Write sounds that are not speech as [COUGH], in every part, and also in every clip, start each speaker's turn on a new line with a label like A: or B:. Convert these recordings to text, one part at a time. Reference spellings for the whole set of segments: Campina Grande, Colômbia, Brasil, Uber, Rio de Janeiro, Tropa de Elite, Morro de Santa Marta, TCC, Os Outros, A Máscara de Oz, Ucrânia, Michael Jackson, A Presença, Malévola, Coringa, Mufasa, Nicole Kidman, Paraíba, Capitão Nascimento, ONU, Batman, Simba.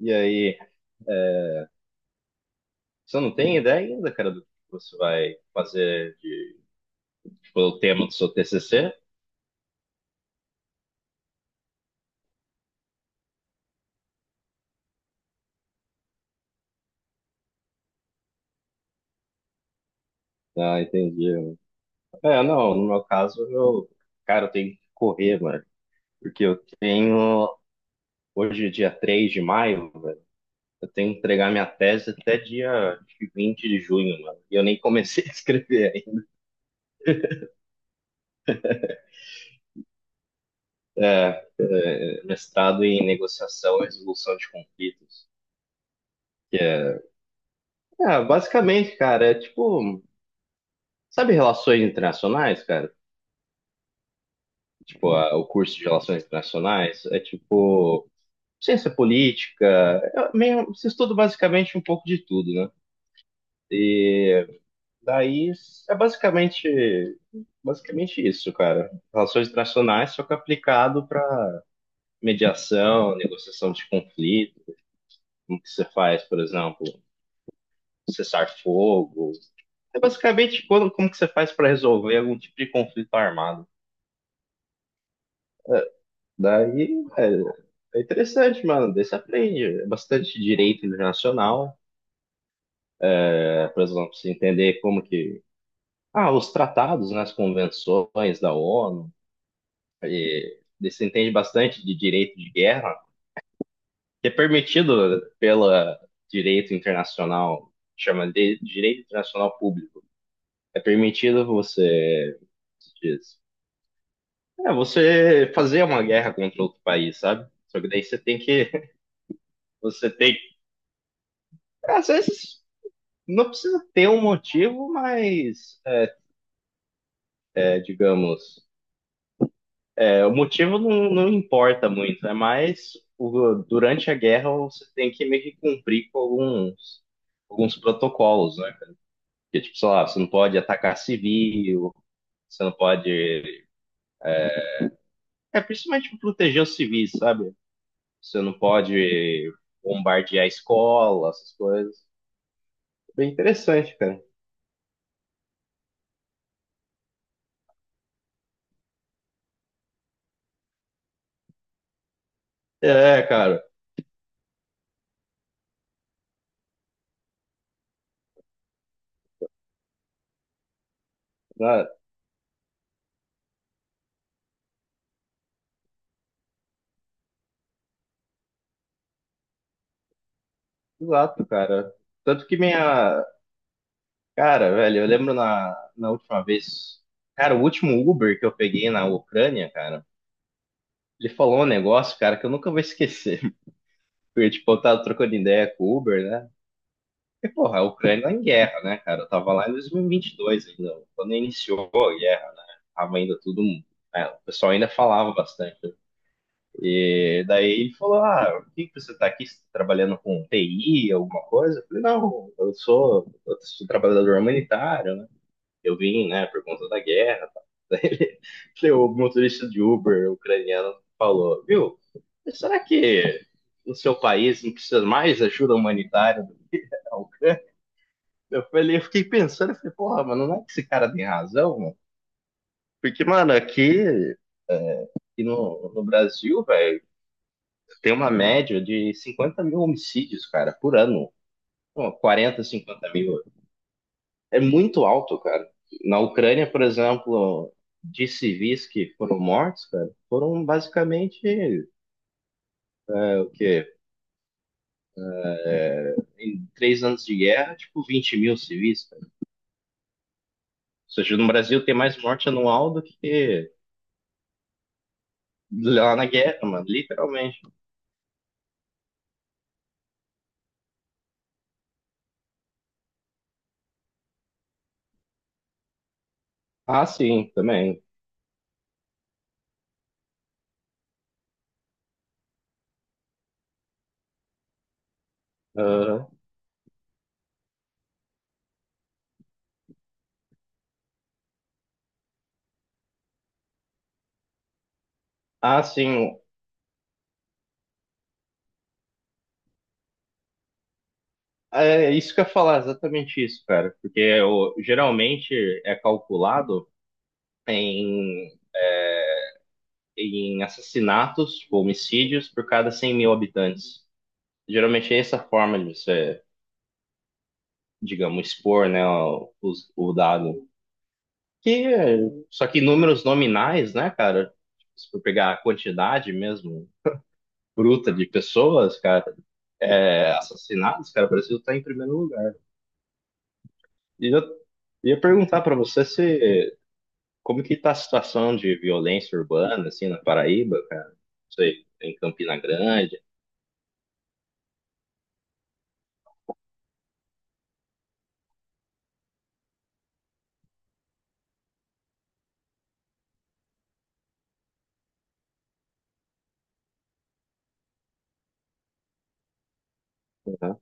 A: E aí, é, você não tem ideia ainda, cara, do que você vai fazer de, tipo, o tema do seu TCC? Ah, entendi. Não, no meu caso, eu, cara, eu tenho que correr, mano, porque eu tenho, hoje é dia 3 de maio, velho, eu tenho que entregar minha tese até dia acho que 20 de junho, mano, e eu nem comecei [LAUGHS] a escrever ainda. Mestrado em negociação e resolução de conflitos, que é, basicamente, cara, é tipo. Sabe relações internacionais, cara? Tipo, o curso de relações internacionais é tipo ciência política, é meio, você estuda basicamente um pouco de tudo, né? E daí é basicamente isso, cara. Relações internacionais, só que aplicado para mediação, negociação de conflito, como que você faz, por exemplo, cessar fogo. É basicamente quando, como que você faz para resolver algum tipo de conflito armado. Daí, velho, é interessante, mano. Daí você aprende é bastante direito internacional, é, por exemplo, você entender como que. Ah, os tratados, né, as convenções da ONU, e daí você entende bastante de direito de guerra, que é permitido pelo direito internacional, chama de direito internacional público. É permitido você, como se diz, você fazer uma guerra contra outro país, sabe? Só que daí você tem que, [LAUGHS] você tem, às vezes. Não precisa ter um motivo, mas, digamos, o motivo não, não importa muito, é mais durante a guerra você tem que meio que cumprir com alguns, alguns protocolos, né? Porque, tipo, sei lá, você não pode atacar civil, você não pode. É principalmente pra proteger os civis, sabe? Você não pode bombardear escola, essas coisas. Bem interessante, cara. É, cara. Ah, exato, cara. Tanto que minha, cara, velho, eu lembro na última vez, cara, o último Uber que eu peguei na Ucrânia, cara, ele falou um negócio, cara, que eu nunca vou esquecer. [LAUGHS] Porque, tipo, eu tava trocando ideia com o Uber, né? E, porra, a Ucrânia tá em guerra, né, cara? Eu tava lá em 2022 ainda, quando iniciou a guerra, né? Tava ainda tudo, né, o pessoal ainda falava bastante. E daí ele falou: Ah, por que que você tá aqui? Você tá trabalhando com TI, alguma coisa? Eu falei: Não, eu sou trabalhador humanitário, né? Eu vim, né, por conta da guerra. Tá? Daí ele- [LAUGHS] o motorista de Uber ucraniano falou, viu, será que no seu país não precisa mais ajuda humanitária do que a Ucrânia? Eu falei, eu fiquei pensando, eu falei, porra, mano, não é que esse cara tem razão, mano? Porque, mano, aqui, no Brasil, velho, tem uma média de 50 mil homicídios, cara, por ano. Pô, 40, 50 mil. É muito alto, cara. Na Ucrânia, por exemplo, de civis que foram mortos, cara, foram basicamente o quê? Em 3 anos de guerra, tipo 20 mil civis, cara. Ou seja, no Brasil tem mais morte anual do que lá na guerra, mano, literalmente. Ah, sim, também. Ah, ah, sim. É isso que eu ia falar, exatamente isso, cara. Porque geralmente é calculado em, em assassinatos, tipo, homicídios por cada 100 mil habitantes. Geralmente é essa forma de você, digamos, expor, né, o dado. Que, é- só que números nominais, né, cara? Se for pegar a quantidade mesmo bruta de pessoas, cara, assassinados, cara, o Brasil tá em primeiro lugar. E eu ia perguntar pra você se como que tá a situação de violência urbana, assim, na Paraíba, cara? Não sei, em Campina Grande. Uhum,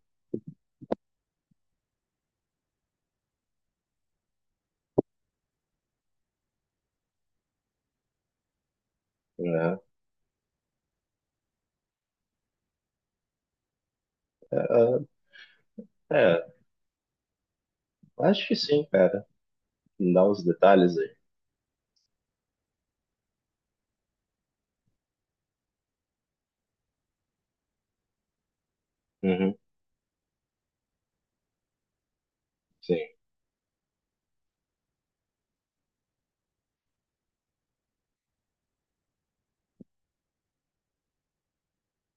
A: uhum. É, acho que sim, cara. Me dá os detalhes aí. Uhum, sim.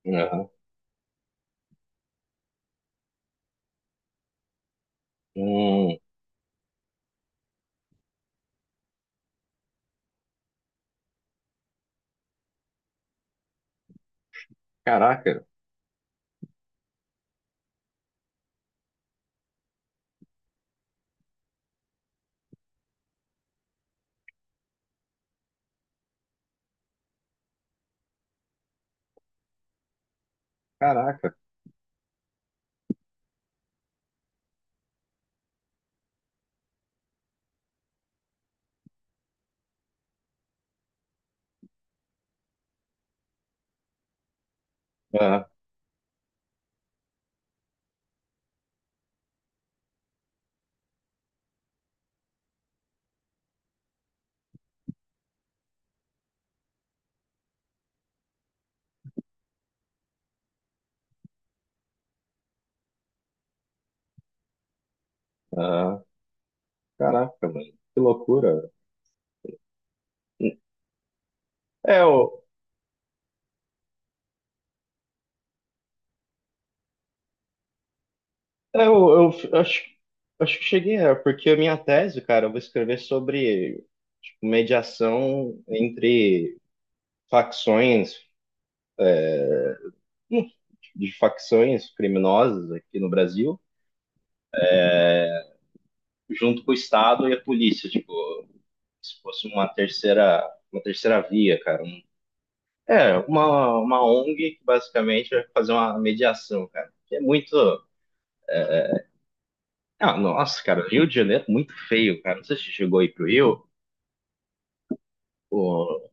A: Aham. Hum, caraca, caraca. Ah, ah, caraca, mano. Que loucura. É, eu, é, eu, eu f- acho, acho que cheguei, porque a minha tese, cara, eu vou escrever sobre, tipo, mediação entre facções, hum, de facções criminosas aqui no Brasil, junto com o Estado e a polícia, tipo, se fosse uma terceira via, cara, é, uma ONG que basicamente vai fazer uma mediação, cara. Que é muito. Ah, nossa, cara, Rio de Janeiro é muito feio, cara. Não sei se você chegou aí pro Rio. O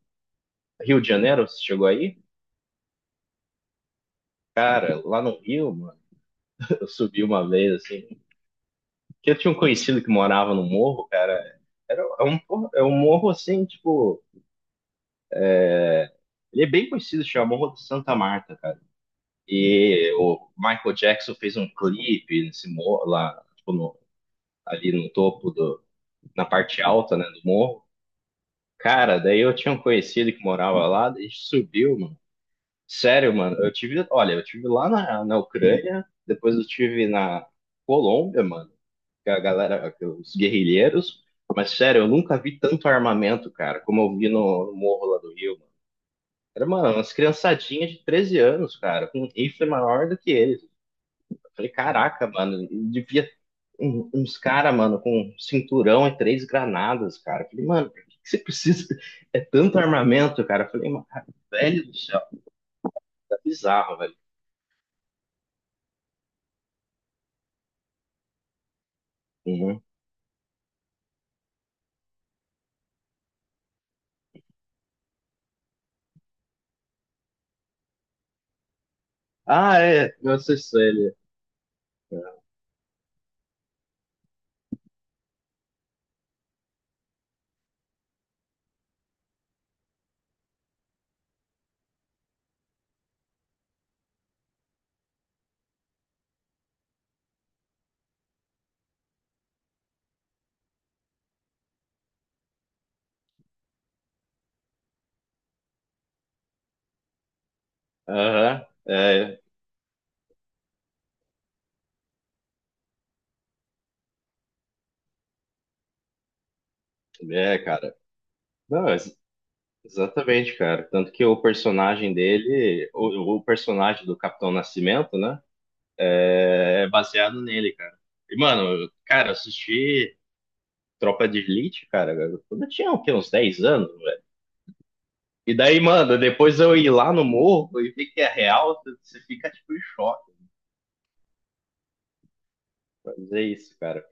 A: Rio de Janeiro, você chegou aí? Cara, lá no Rio, mano, [LAUGHS] eu subi uma vez, assim, que eu tinha um conhecido que morava no morro, cara. Era, é um, porra- É um morro, assim, tipo. Ele é bem conhecido, chama Morro de Santa Marta, cara. E o Michael Jackson fez um clipe nesse morro, lá, tipo, ali no topo do. Na parte alta, né, do morro. Cara, daí eu tinha um conhecido que morava lá, daí a gente subiu, mano. Sério, mano, eu tive, olha, eu tive lá na Ucrânia, depois eu tive na Colômbia, mano, que a galera, que os guerrilheiros, mas sério, eu nunca vi tanto armamento, cara, como eu vi no morro lá do Rio, mano. Era, mano, umas criançadinhas de 13 anos, cara, com um rifle maior do que eles. Eu falei, caraca, mano, devia uns cara, mano, com cinturão e três granadas, cara. Eu falei, mano, por que que você precisa? É tanto armamento, cara. Eu falei, mano, velho do céu, tá bizarro, velho. Uhum. Ah, é, nossa, isso ele. Aham, é, é, cara. Não, exatamente, cara. Tanto que o personagem dele, o personagem do Capitão Nascimento, né, é baseado nele, cara. E, mano, eu- cara, eu assisti Tropa de Elite, cara, quando eu tinha, o quê, uns 10 anos, e daí, mano, depois eu ir lá no morro e ver que é real, você fica tipo em choque. Mas é isso, cara.